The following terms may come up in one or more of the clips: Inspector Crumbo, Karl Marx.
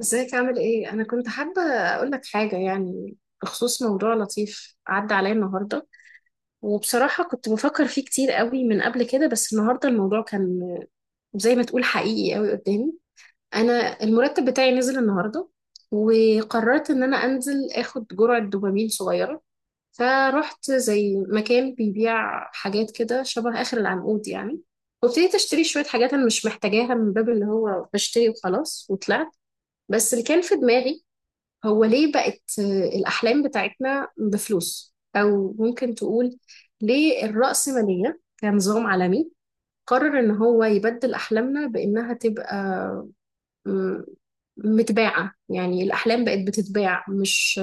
ازيك عامل ايه؟ انا كنت حابة اقول لك حاجة يعني بخصوص موضوع لطيف عدى عليا النهاردة. وبصراحة كنت بفكر فيه كتير قوي من قبل كده، بس النهاردة الموضوع كان زي ما تقول حقيقي قوي قدامي. انا المرتب بتاعي نزل النهاردة، وقررت ان انا انزل اخد جرعة دوبامين صغيرة. فرحت زي مكان بيبيع حاجات كده شبه اخر العنقود يعني، وابتديت اشتري شوية حاجات انا مش محتاجاها من باب اللي هو بشتري وخلاص، وطلعت. بس اللي كان في دماغي هو ليه بقت الأحلام بتاعتنا بفلوس، أو ممكن تقول ليه الرأسمالية كنظام عالمي قرر إن هو يبدل أحلامنا بإنها تبقى م- متباعة. يعني الأحلام بقت بتتباع، مش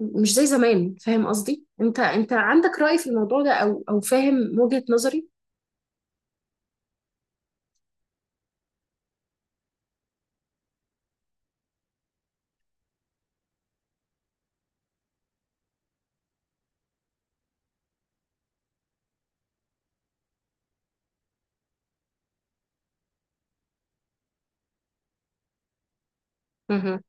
مش زي زمان. فاهم قصدي؟ أنت عندك رأي في الموضوع ده أو فاهم وجهة نظري؟ مهم.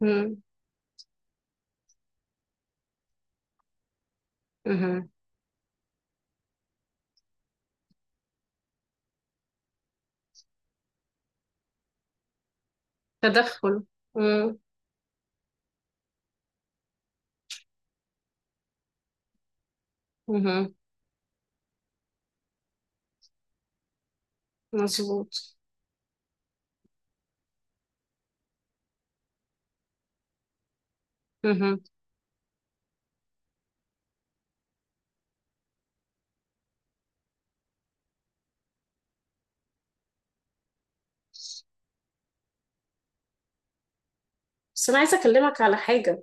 مم. مهم. تدخل. مم. مهم. مظبوط. مهم. بس أنا عايزة أكلمك على حاجة،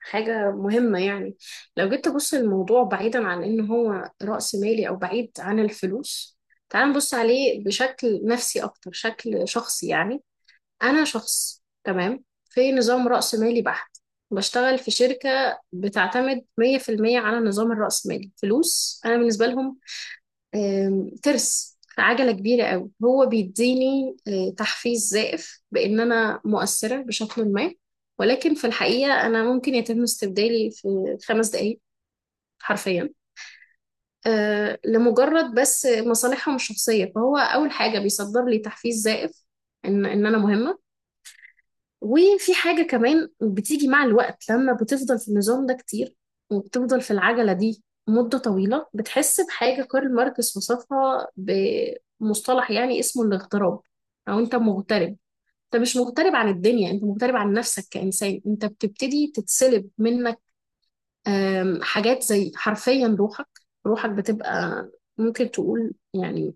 حاجة مهمة يعني. لو جيت تبص الموضوع بعيدا عن إن هو رأس مالي أو بعيد عن الفلوس، تعال نبص عليه بشكل نفسي أكتر، شكل شخصي يعني. أنا شخص تمام في نظام رأس مالي بحت، بشتغل في شركة بتعتمد 100% على النظام الرأسمالي. فلوس أنا بالنسبة لهم ترس عجلة كبيرة قوي. هو بيديني تحفيز زائف بإن أنا مؤثرة بشكل ما، ولكن في الحقيقة أنا ممكن يتم استبدالي في 5 دقايق حرفيا، لمجرد بس مصالحهم الشخصية. فهو أول حاجة بيصدر لي تحفيز زائف إن أنا مهمة. وفي حاجة كمان بتيجي مع الوقت لما بتفضل في النظام ده كتير، وبتفضل في العجلة دي مدة طويلة. بتحس بحاجة كارل ماركس وصفها بمصطلح يعني اسمه الاغتراب، أو أنت مغترب. أنت مش مغترب عن الدنيا، أنت مغترب عن نفسك كإنسان. أنت بتبتدي تتسلب منك حاجات زي حرفيا روحك. روحك بتبقى ممكن تقول يعني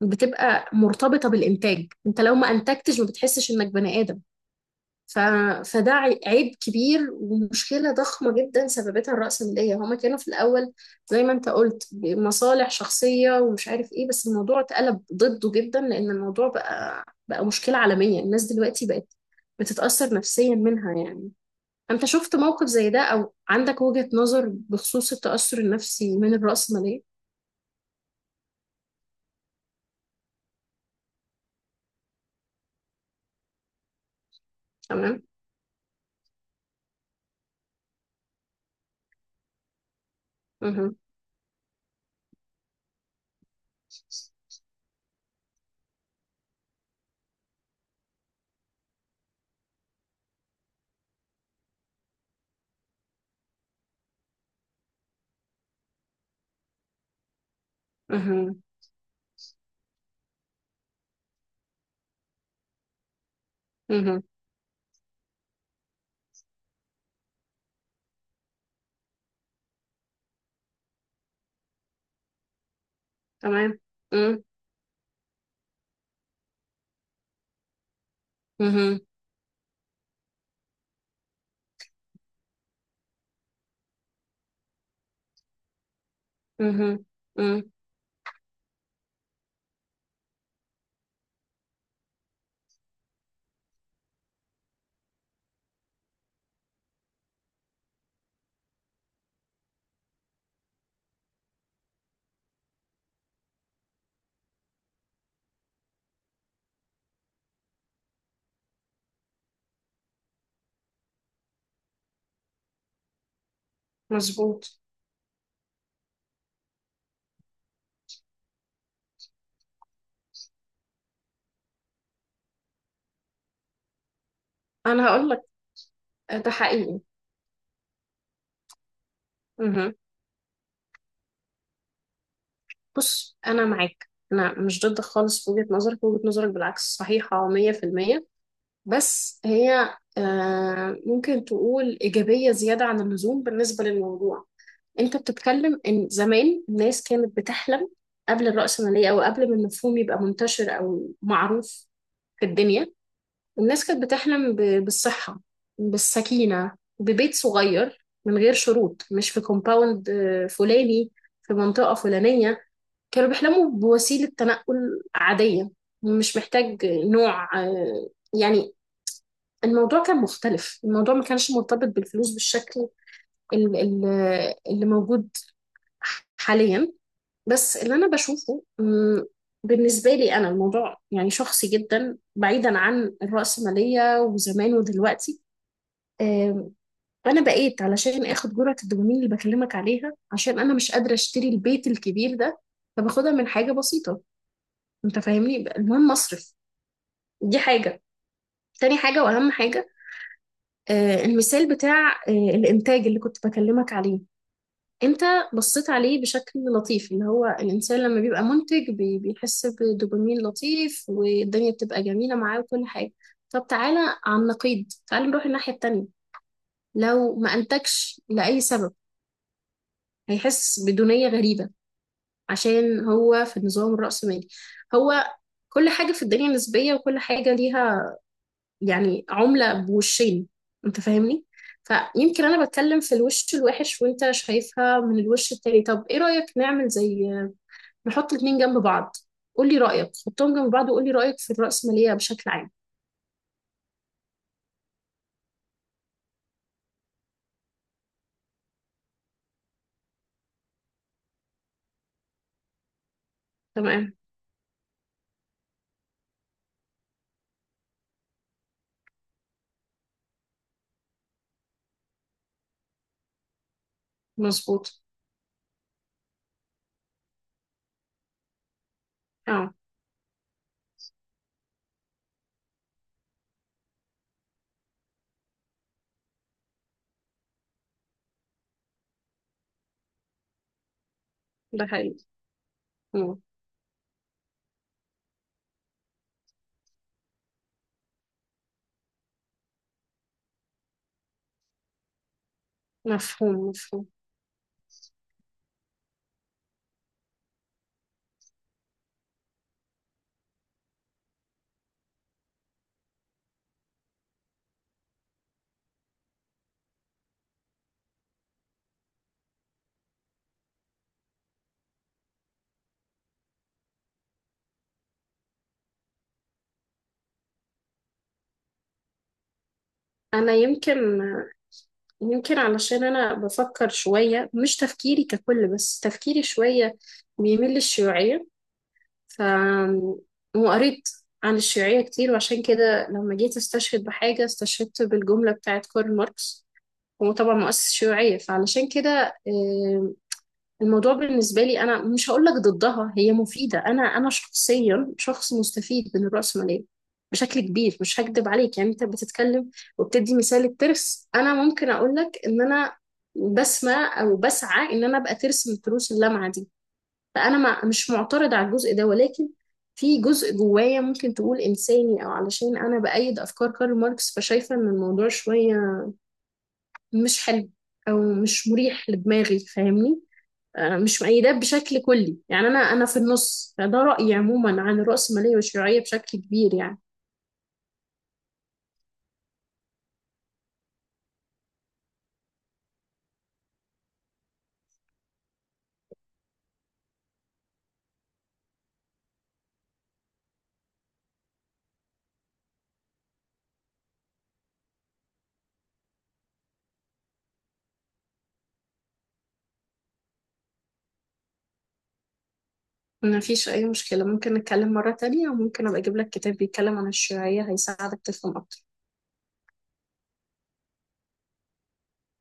بتبقى مرتبطة بالإنتاج. أنت لو ما أنتجتش ما بتحسش إنك بني آدم. ف... فده عيب كبير ومشكلة ضخمة جدا سببتها الرأسمالية. هما كانوا في الأول زي ما انت قلت مصالح شخصية ومش عارف ايه، بس الموضوع اتقلب ضده جدا، لأن الموضوع بقى مشكلة عالمية. الناس دلوقتي بقت بتتأثر نفسيا منها يعني. انت شفت موقف زي ده أو عندك وجهة نظر بخصوص التأثر النفسي من الرأسمالية؟ تمام. مهم. مهم. مهم. تمام. مم. مهم. مهم. مم. مظبوط. انا هقول لك، ده حقيقي. مهم. بص، انا معاك، انا مش ضد خالص في وجهة نظرك. وجهة نظرك بالعكس صحيحة 100%. بس هي ممكن تقول إيجابية زيادة عن اللزوم بالنسبة للموضوع. انت بتتكلم ان زمان الناس كانت بتحلم قبل الرأسمالية او قبل ما المفهوم يبقى منتشر او معروف في الدنيا. الناس كانت بتحلم بالصحة، بالسكينة، ببيت صغير من غير شروط، مش في كومباوند فلاني في منطقة فلانية. كانوا بيحلموا بوسيلة تنقل عادية، مش محتاج نوع يعني. الموضوع كان مختلف، الموضوع ما كانش مرتبط بالفلوس بالشكل ال- ال- اللي موجود حاليا. بس اللي أنا بشوفه، بالنسبة لي أنا الموضوع يعني شخصي جدا بعيدا عن الرأسمالية وزمان ودلوقتي. آم، أنا بقيت علشان آخد جرعة الدوبامين اللي بكلمك عليها عشان أنا مش قادرة أشتري البيت الكبير ده، فباخدها من حاجة بسيطة. انت فاهمني، المهم اصرف. دي حاجة. تاني حاجة واهم حاجة، المثال بتاع الانتاج اللي كنت بكلمك عليه. انت بصيت عليه بشكل لطيف، اللي هو الانسان لما بيبقى منتج بيحس بدوبامين لطيف والدنيا بتبقى جميلة معاه وكل حاجة. طب تعالى على النقيض، تعالى نروح الناحية التانية. لو ما انتجش لأي سبب، هيحس بدونية غريبة، عشان هو في النظام الرأسمالي. هو كل حاجة في الدنيا نسبية وكل حاجة ليها يعني عملة بوشين. انت فاهمني. فيمكن انا بتكلم في الوش الوحش وانت شايفها من الوش التاني. طب ايه رأيك نعمل زي نحط الاتنين جنب بعض. قولي رأيك، حطهم جنب بعض وقولي رأيك في الرأسمالية بشكل عام. تمام. مظبوط. اه، ده حقيقي. مم. مفهوم، مفهوم. انا يمكن علشان انا بفكر شوية، مش تفكيري ككل بس تفكيري شوية بيميل للشيوعية. ف وقريت عن الشيوعية كتير، وعشان كده لما جيت استشهد بحاجة استشهدت بالجملة بتاعت كارل ماركس. هو طبعا مؤسس الشيوعية، فعلشان كده الموضوع بالنسبة لي أنا مش هقول لك ضدها، هي مفيدة. أنا شخصيا شخص مستفيد من الرأسمالية بشكل كبير، مش هكدب عليك يعني. أنت بتتكلم وبتدي مثال الترس، أنا ممكن أقول لك إن أنا بسمع أو بسعى إن أنا أبقى ترس من تروس اللمعة دي. فانا ما مش معترض على الجزء ده، ولكن في جزء جوايا ممكن تقول انساني او علشان انا بايد افكار كارل ماركس، فشايفه ان الموضوع شويه مش حلو او مش مريح لدماغي. فاهمني؟ مش مؤيداه بشكل كلي يعني، انا في النص. فده رايي عموما عن الرأسمالية والشيوعيه بشكل كبير يعني. ما فيش اي مشكله، ممكن نتكلم مره تانية، وممكن ابقى اجيب لك كتاب بيتكلم عن الشيوعيه هيساعدك تفهم اكتر.